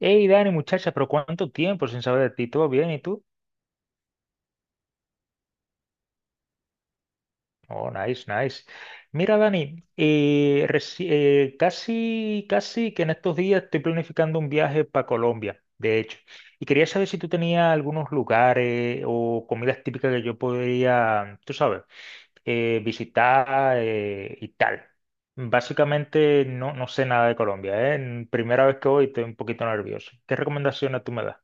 Hey Dani, muchacha, pero ¿cuánto tiempo sin saber de ti? ¿Todo bien? ¿Y tú? Oh, nice, nice. Mira, Dani, casi, casi que en estos días estoy planificando un viaje para Colombia, de hecho. Y quería saber si tú tenías algunos lugares o comidas típicas que yo podría, tú sabes, visitar, y tal. Básicamente no sé nada de Colombia, ¿eh? Primera vez que voy estoy un poquito nervioso. ¿Qué recomendaciones tú me das?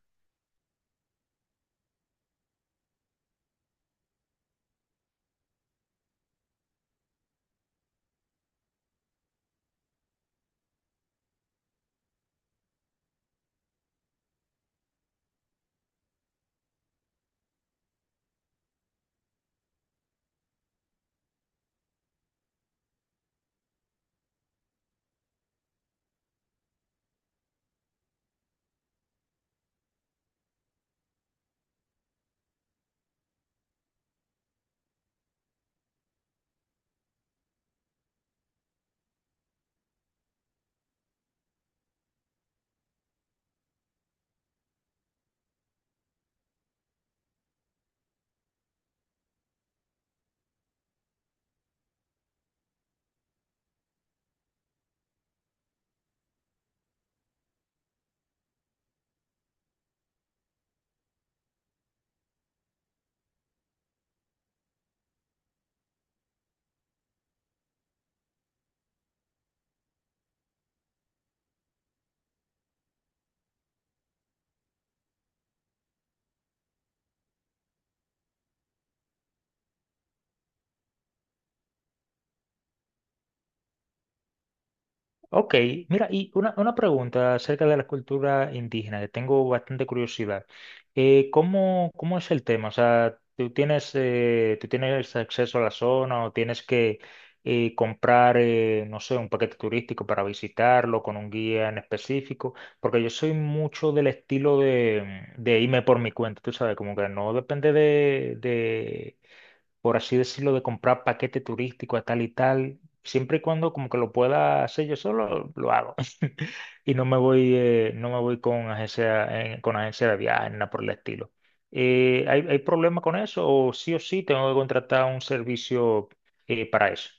Ok, mira, y una pregunta acerca de la cultura indígena, que tengo bastante curiosidad. Cómo es el tema? O sea, tú tienes acceso a la zona o tienes que comprar, no sé, un paquete turístico para visitarlo con un guía en específico? Porque yo soy mucho del estilo de irme por mi cuenta, tú sabes, como que no depende de, por así decirlo, de comprar paquete turístico a tal y tal. Siempre y cuando como que lo pueda hacer yo solo, lo hago. Y no me voy, no me voy con agencia de viajes, nada por el estilo. Hay problema con eso? O sí tengo que contratar un servicio para eso?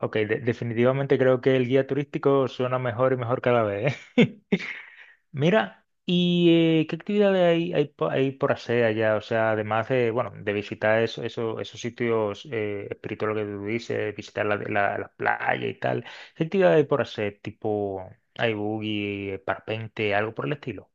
Ok, definitivamente creo que el guía turístico suena mejor y mejor cada vez, ¿eh? Mira, ¿y qué actividades hay por hacer allá? O sea, además de, bueno, de visitar esos sitios espirituales que tú dices, visitar la playa y tal, ¿qué actividades hay por hacer? Tipo, hay buggy, parpente, algo por el estilo.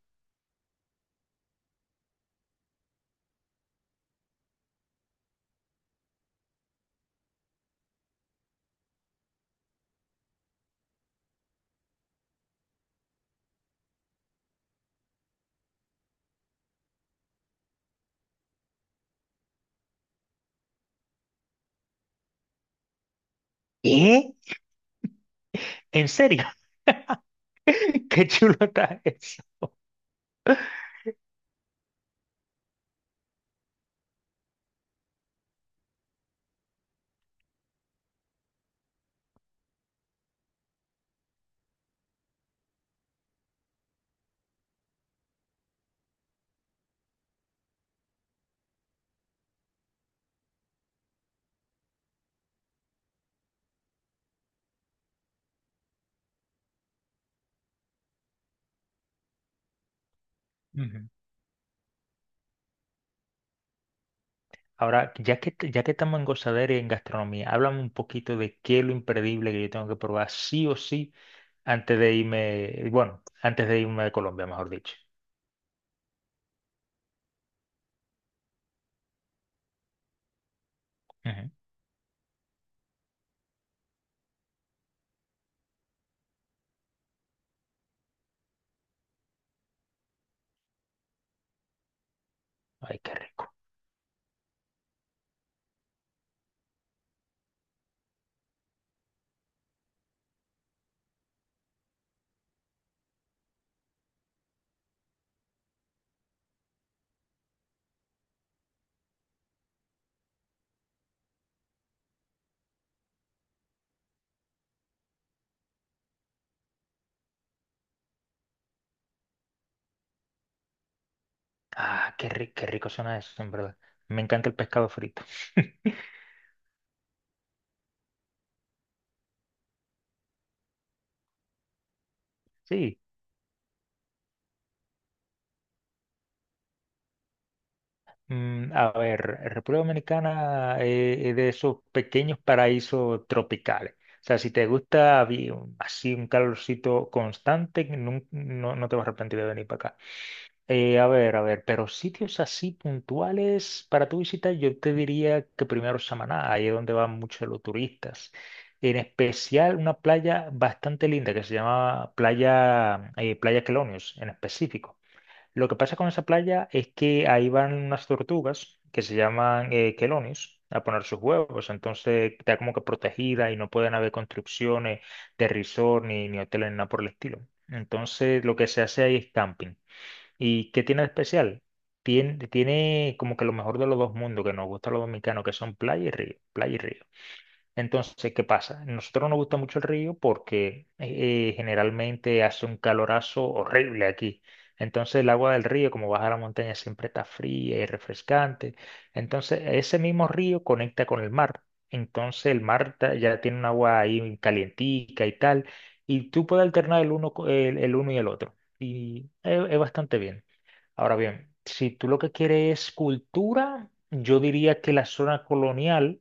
¿Qué? ¿En serio? Qué chulo está eso. Ujú. Ahora, ya que estamos en gozadera y en gastronomía, háblame un poquito de qué es lo imperdible que yo tengo que probar sí o sí antes de irme, bueno, antes de irme de Colombia, mejor dicho. Ujú. Ay, qué rico. Ah, qué rico suena eso, en verdad. Me encanta el pescado frito. Sí, mm, a ver, República Dominicana es de esos pequeños paraísos tropicales. O sea, si te gusta vi- así un calorcito constante, no te vas a arrepentir de venir para acá. A ver, pero sitios así puntuales para tu visita, yo te diría que primero Samaná, ahí es donde van muchos los turistas. En especial una playa bastante linda que se llama Playa Quelonios en específico. Lo que pasa con esa playa es que ahí van unas tortugas que se llaman quelonios a poner sus huevos, entonces está como que protegida y no pueden haber construcciones de resort ni hoteles ni nada por el estilo. Entonces lo que se hace ahí es camping. ¿Y qué tiene de especial? Tiene como que lo mejor de los dos mundos que nos gusta a los dominicanos, que son playa y río, playa y río. Entonces, ¿qué pasa? Nosotros nos gusta mucho el río porque generalmente hace un calorazo horrible aquí. Entonces, el agua del río, como baja la montaña, siempre está fría y refrescante. Entonces, ese mismo río conecta con el mar. Entonces, ya tiene un agua ahí calientica y tal. Y tú puedes alternar el uno y el otro. Y es bastante bien. Ahora bien, si tú lo que quieres es cultura, yo diría que la zona colonial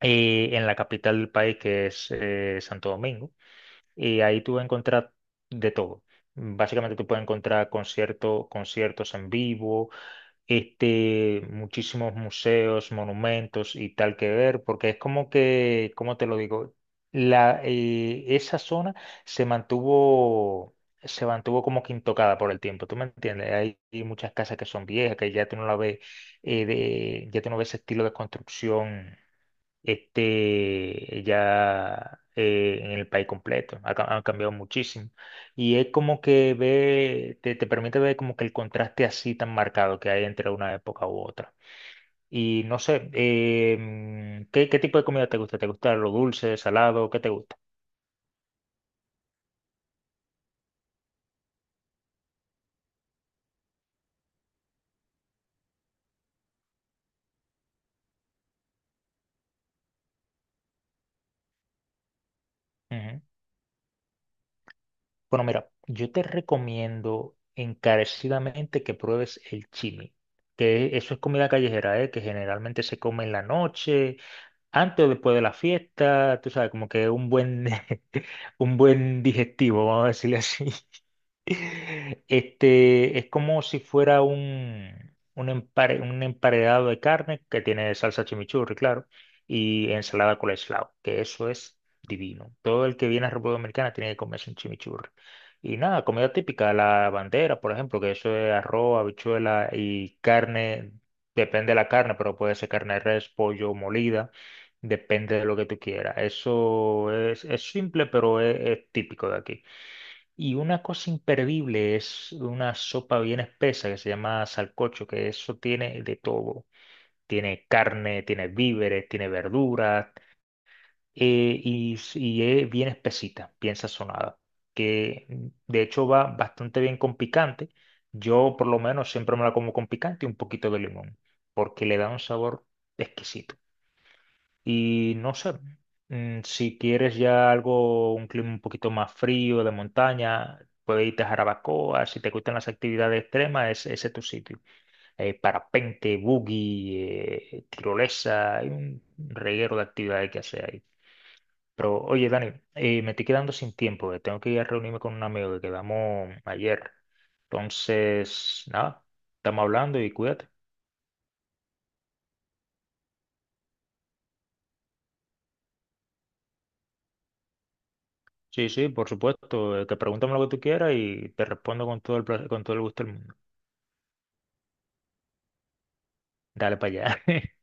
y en la capital del país, que es Santo Domingo. Y ahí tú vas a encontrar de todo. Básicamente tú puedes encontrar conciertos en vivo, este, muchísimos museos, monumentos y tal que ver, porque es como que, ¿cómo te lo digo? La, esa zona se mantuvo, se mantuvo como que intocada por el tiempo, ¿tú me entiendes? Hay muchas casas que son viejas, que ya tú no la ves, ya tú no ves ese estilo de construcción este, ya en el país completo. Ha cambiado muchísimo. Y es como que te permite ver como que el contraste así tan marcado que hay entre una época u otra. Y no sé, qué tipo de comida te gusta? ¿Te gusta lo dulce, salado? ¿Qué te gusta? Bueno, mira, yo te recomiendo encarecidamente que pruebes el chimi, que eso es comida callejera, ¿eh? Que generalmente se come en la noche, antes o después de la fiesta, tú sabes, como que un buen, un buen digestivo, vamos a decirle así. Este, es como si fuera un emparedado de carne que tiene salsa chimichurri, claro, y ensalada coleslaw, que eso es divino. Todo el que viene a República Dominicana tiene que comerse un chimichurri. Y nada, comida típica, la bandera, por ejemplo, que eso es arroz, habichuela y carne, depende de la carne, pero puede ser carne de res, pollo, molida, depende de lo que tú quieras. Eso es simple, pero es típico de aquí. Y una cosa imperdible es una sopa bien espesa que se llama salcocho, que eso tiene de todo. Tiene carne, tiene víveres, tiene verduras, y es bien espesita, bien sazonada, que mm, de hecho va bastante bien con picante. Yo por lo menos siempre me la como con picante y un poquito de limón, porque le da un sabor exquisito. Y no sé, mm, si quieres ya algo, un clima un poquito más frío, de montaña, puedes irte a Jarabacoa, si te gustan las actividades extremas, ese es tu sitio. Parapente, buggy, tirolesa, hay un reguero de actividades que hacer ahí. Pero oye, Dani, me estoy quedando sin tiempo, tengo que ir a reunirme con un amigo que quedamos ayer. Entonces, nada, estamos hablando y cuídate. Sí, sí, por supuesto. Que pregúntame lo que tú quieras y te respondo con todo con todo el gusto del mundo. Dale para allá.